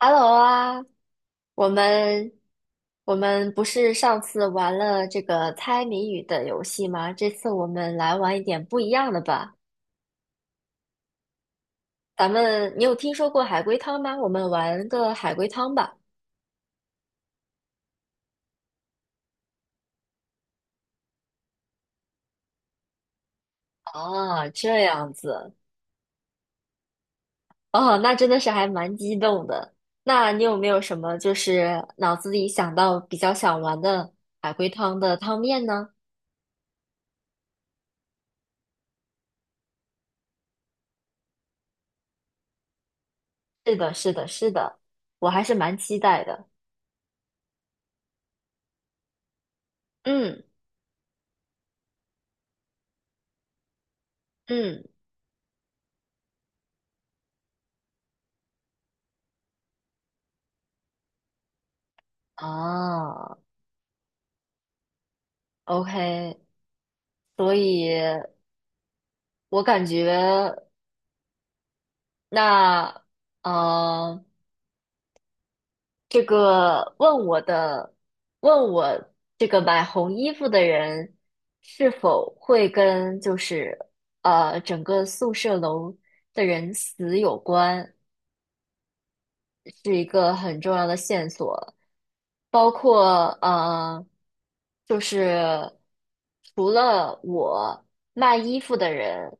Hello 啊，我们我们不是上次玩了这个猜谜语的游戏吗？这次我们来玩一点不一样的吧。咱们，你有听说过海龟汤吗？我们玩个海龟汤吧。哦，这样子，哦，那真的是还蛮激动的。那你有没有什么就是脑子里想到比较想玩的海龟汤的汤面呢？是的，是的，是的，我还是蛮期待的。嗯嗯，哦。OK，所以我感觉那，呃，这个问我的，问我这个买红衣服的人是否会跟就是整个宿舍楼的人死有关，是一个很重要的线索。包括就是除了我卖衣服的人，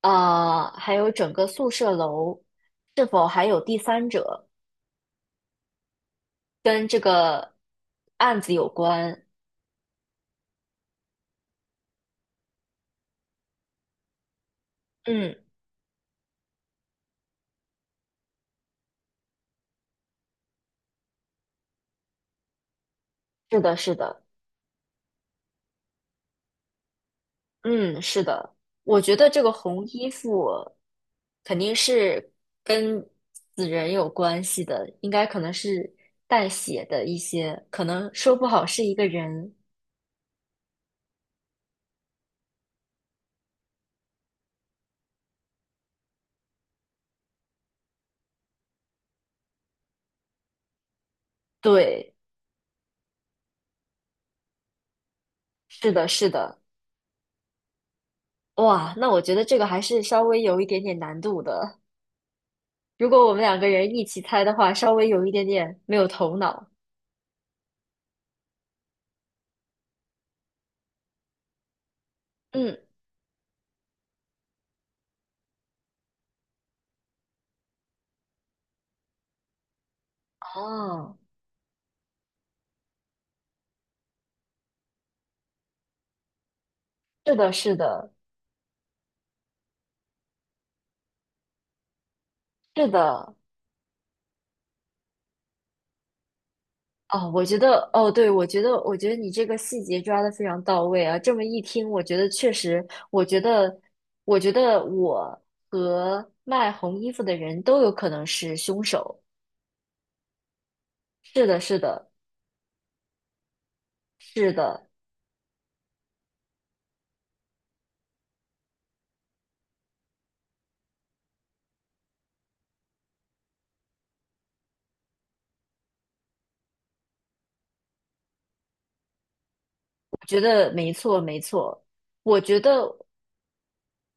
还有整个宿舍楼是否还有第三者跟这个案子有关？嗯，是的，是的，嗯，是的，我觉得这个红衣服肯定是跟死人有关系的，应该可能是带血的一些，可能说不好是一个人，对。是的，是的，哇，那我觉得这个还是稍微有一点点难度的。如果我们两个人一起猜的话，稍微有一点点没有头脑。嗯，哦，是的，是的，是的，哦，我觉得，哦，对，我觉得，我觉得你这个细节抓得非常到位啊。这么一听，我觉得确实，我觉得，我觉得和卖红衣服的人都有可能是凶手。是的，是的，是的，我觉得没错，没错。我觉得。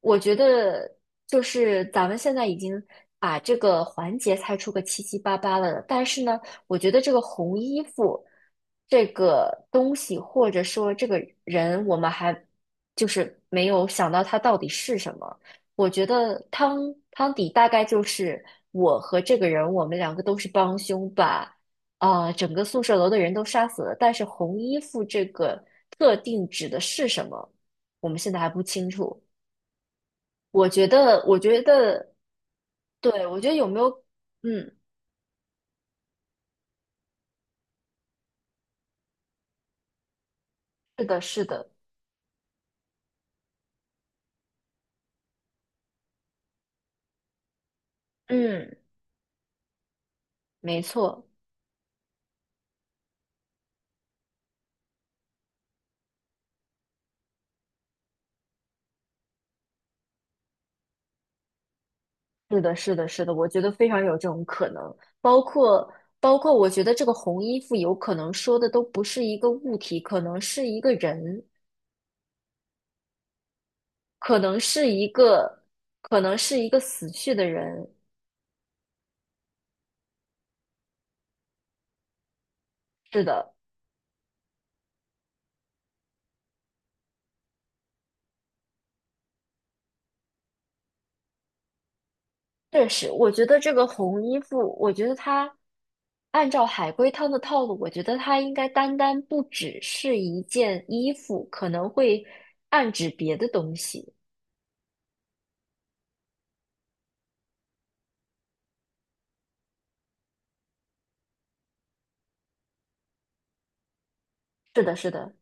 我觉得就是咱们现在已经把这个环节猜出个七七八八了，但是呢，我觉得这个红衣服这个东西，或者说这个人，我们还就是没有想到他到底是什么。我觉得汤底大概就是我和这个人，我们两个都是帮凶，把整个宿舍楼的人都杀死了，但是红衣服这个特定指的是什么，我们现在还不清楚。我觉得，我觉得，对，我觉得有没有，嗯，是的，是的，嗯，没错，是的，是的，是的，我觉得非常有这种可能。包括，包括，我觉得这个红衣服有可能说的都不是一个物体，可能是一个人，可能是一个，可能是一个死去的人。是的，确实，我觉得这个红衣服，我觉得它按照海龟汤的套路，我觉得它应该单单不只是一件衣服，可能会暗指别的东西。是的，是的，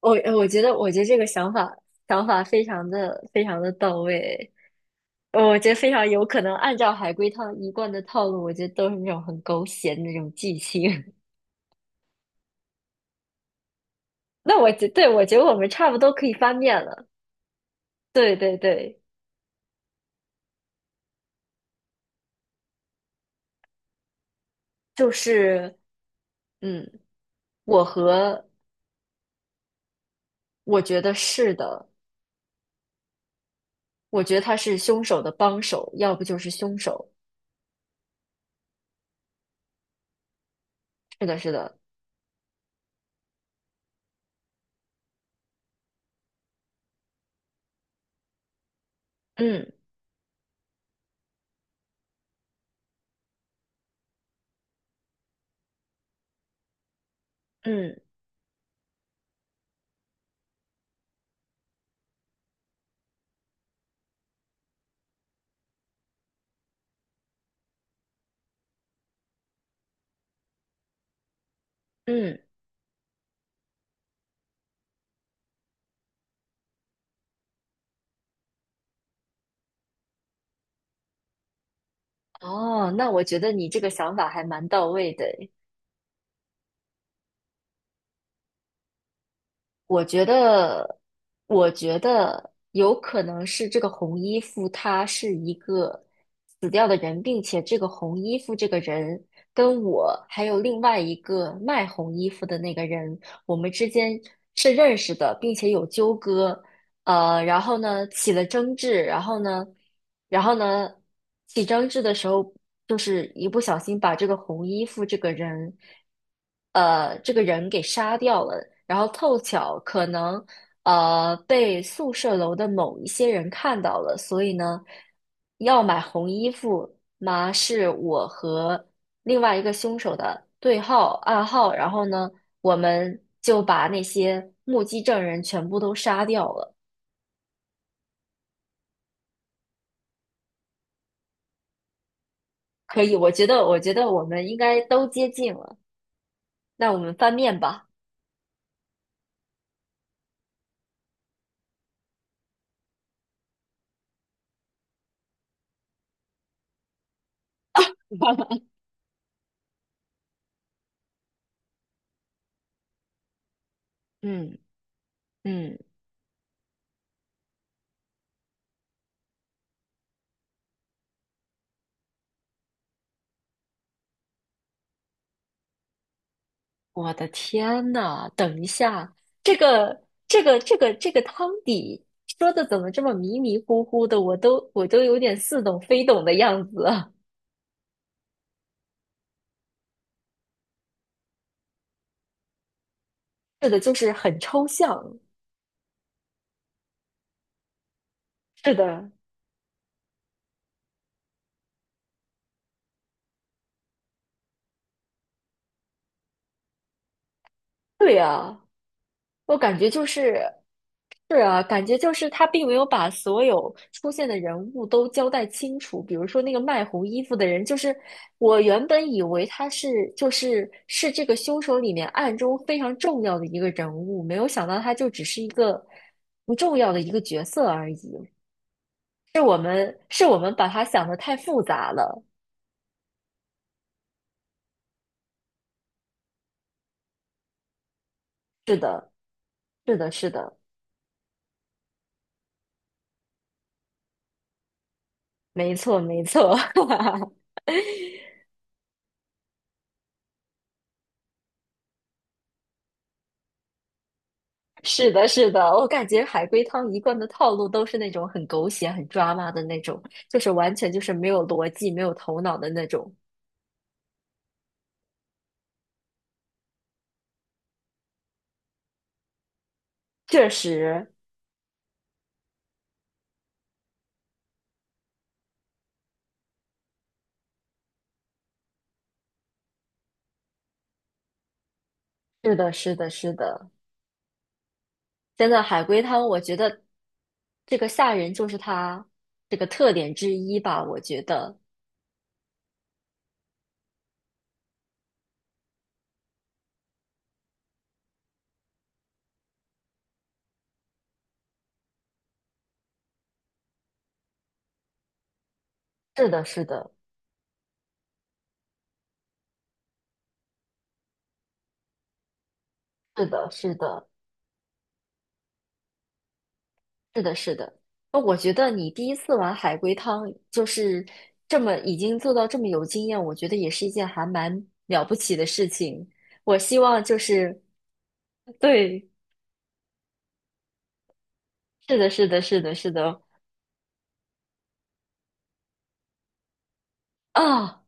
我觉得，我觉得这个想法非常的非常的到位，我觉得非常有可能按照海龟汤一贯的套路，我觉得都是那种很狗血的那种剧情。那我觉，对，我觉得我们差不多可以翻面了。对对对，就是。嗯。我和我觉得是的，我觉得他是凶手的帮手，要不就是凶手。是的，是的，嗯嗯嗯，哦，那我觉得你这个想法还蛮到位的诶。我觉得，我觉得有可能是这个红衣服他是一个死掉的人，并且这个红衣服这个人跟我还有另外一个卖红衣服的那个人，我们之间是认识的，并且有纠葛。然后呢起了争执，然后呢，然后呢起争执的时候，就是一不小心把这个红衣服这个人，这个人给杀掉了，然后凑巧可能被宿舍楼的某一些人看到了，所以呢要买红衣服嘛是我和另外一个凶手的对号暗号，然后呢我们就把那些目击证人全部都杀掉了。可以，我觉得，我觉得我们应该都接近了。那我们翻面吧。嗯嗯，我的天呐，等一下，这个汤底说的怎么这么迷迷糊糊的？我都有点似懂非懂的样子。是的，就是很抽象。是的，对呀，我感觉就是是啊，感觉就是他并没有把所有出现的人物都交代清楚。比如说那个卖红衣服的人，就是我原本以为他是是这个凶手里面暗中非常重要的一个人物，没有想到他就只是一个不重要的一个角色而已。是我们把他想的太复杂了。是的，是的，是的，没错，没错。是的，是的，我感觉海龟汤一贯的套路都是那种很狗血、很抓马的那种，就是完全就是没有逻辑、没有头脑的那种。确实，是的，是的，是的，真的海龟汤，我觉得这个吓人就是它这个特点之一吧。我觉得是的，是的，是的，是的。是的，是的。那我觉得你第一次玩海龟汤，就是这么已经做到这么有经验，我觉得也是一件还蛮了不起的事情。我希望就是，对，是的，是的，是的，是的。啊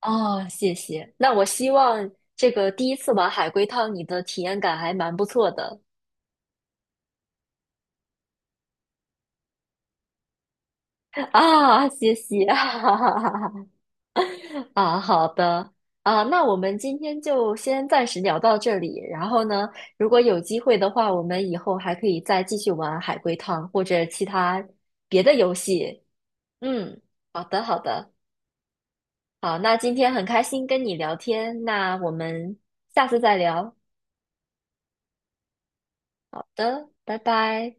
啊，谢谢。那我希望这个第一次玩海龟汤，你的体验感还蛮不错的。啊，谢谢。啊，好的啊，那我们今天就先暂时聊到这里。然后呢，如果有机会的话，我们以后还可以再继续玩海龟汤或者其他别的游戏。嗯，好的，好的，好，那今天很开心跟你聊天，那我们下次再聊。好的，拜拜。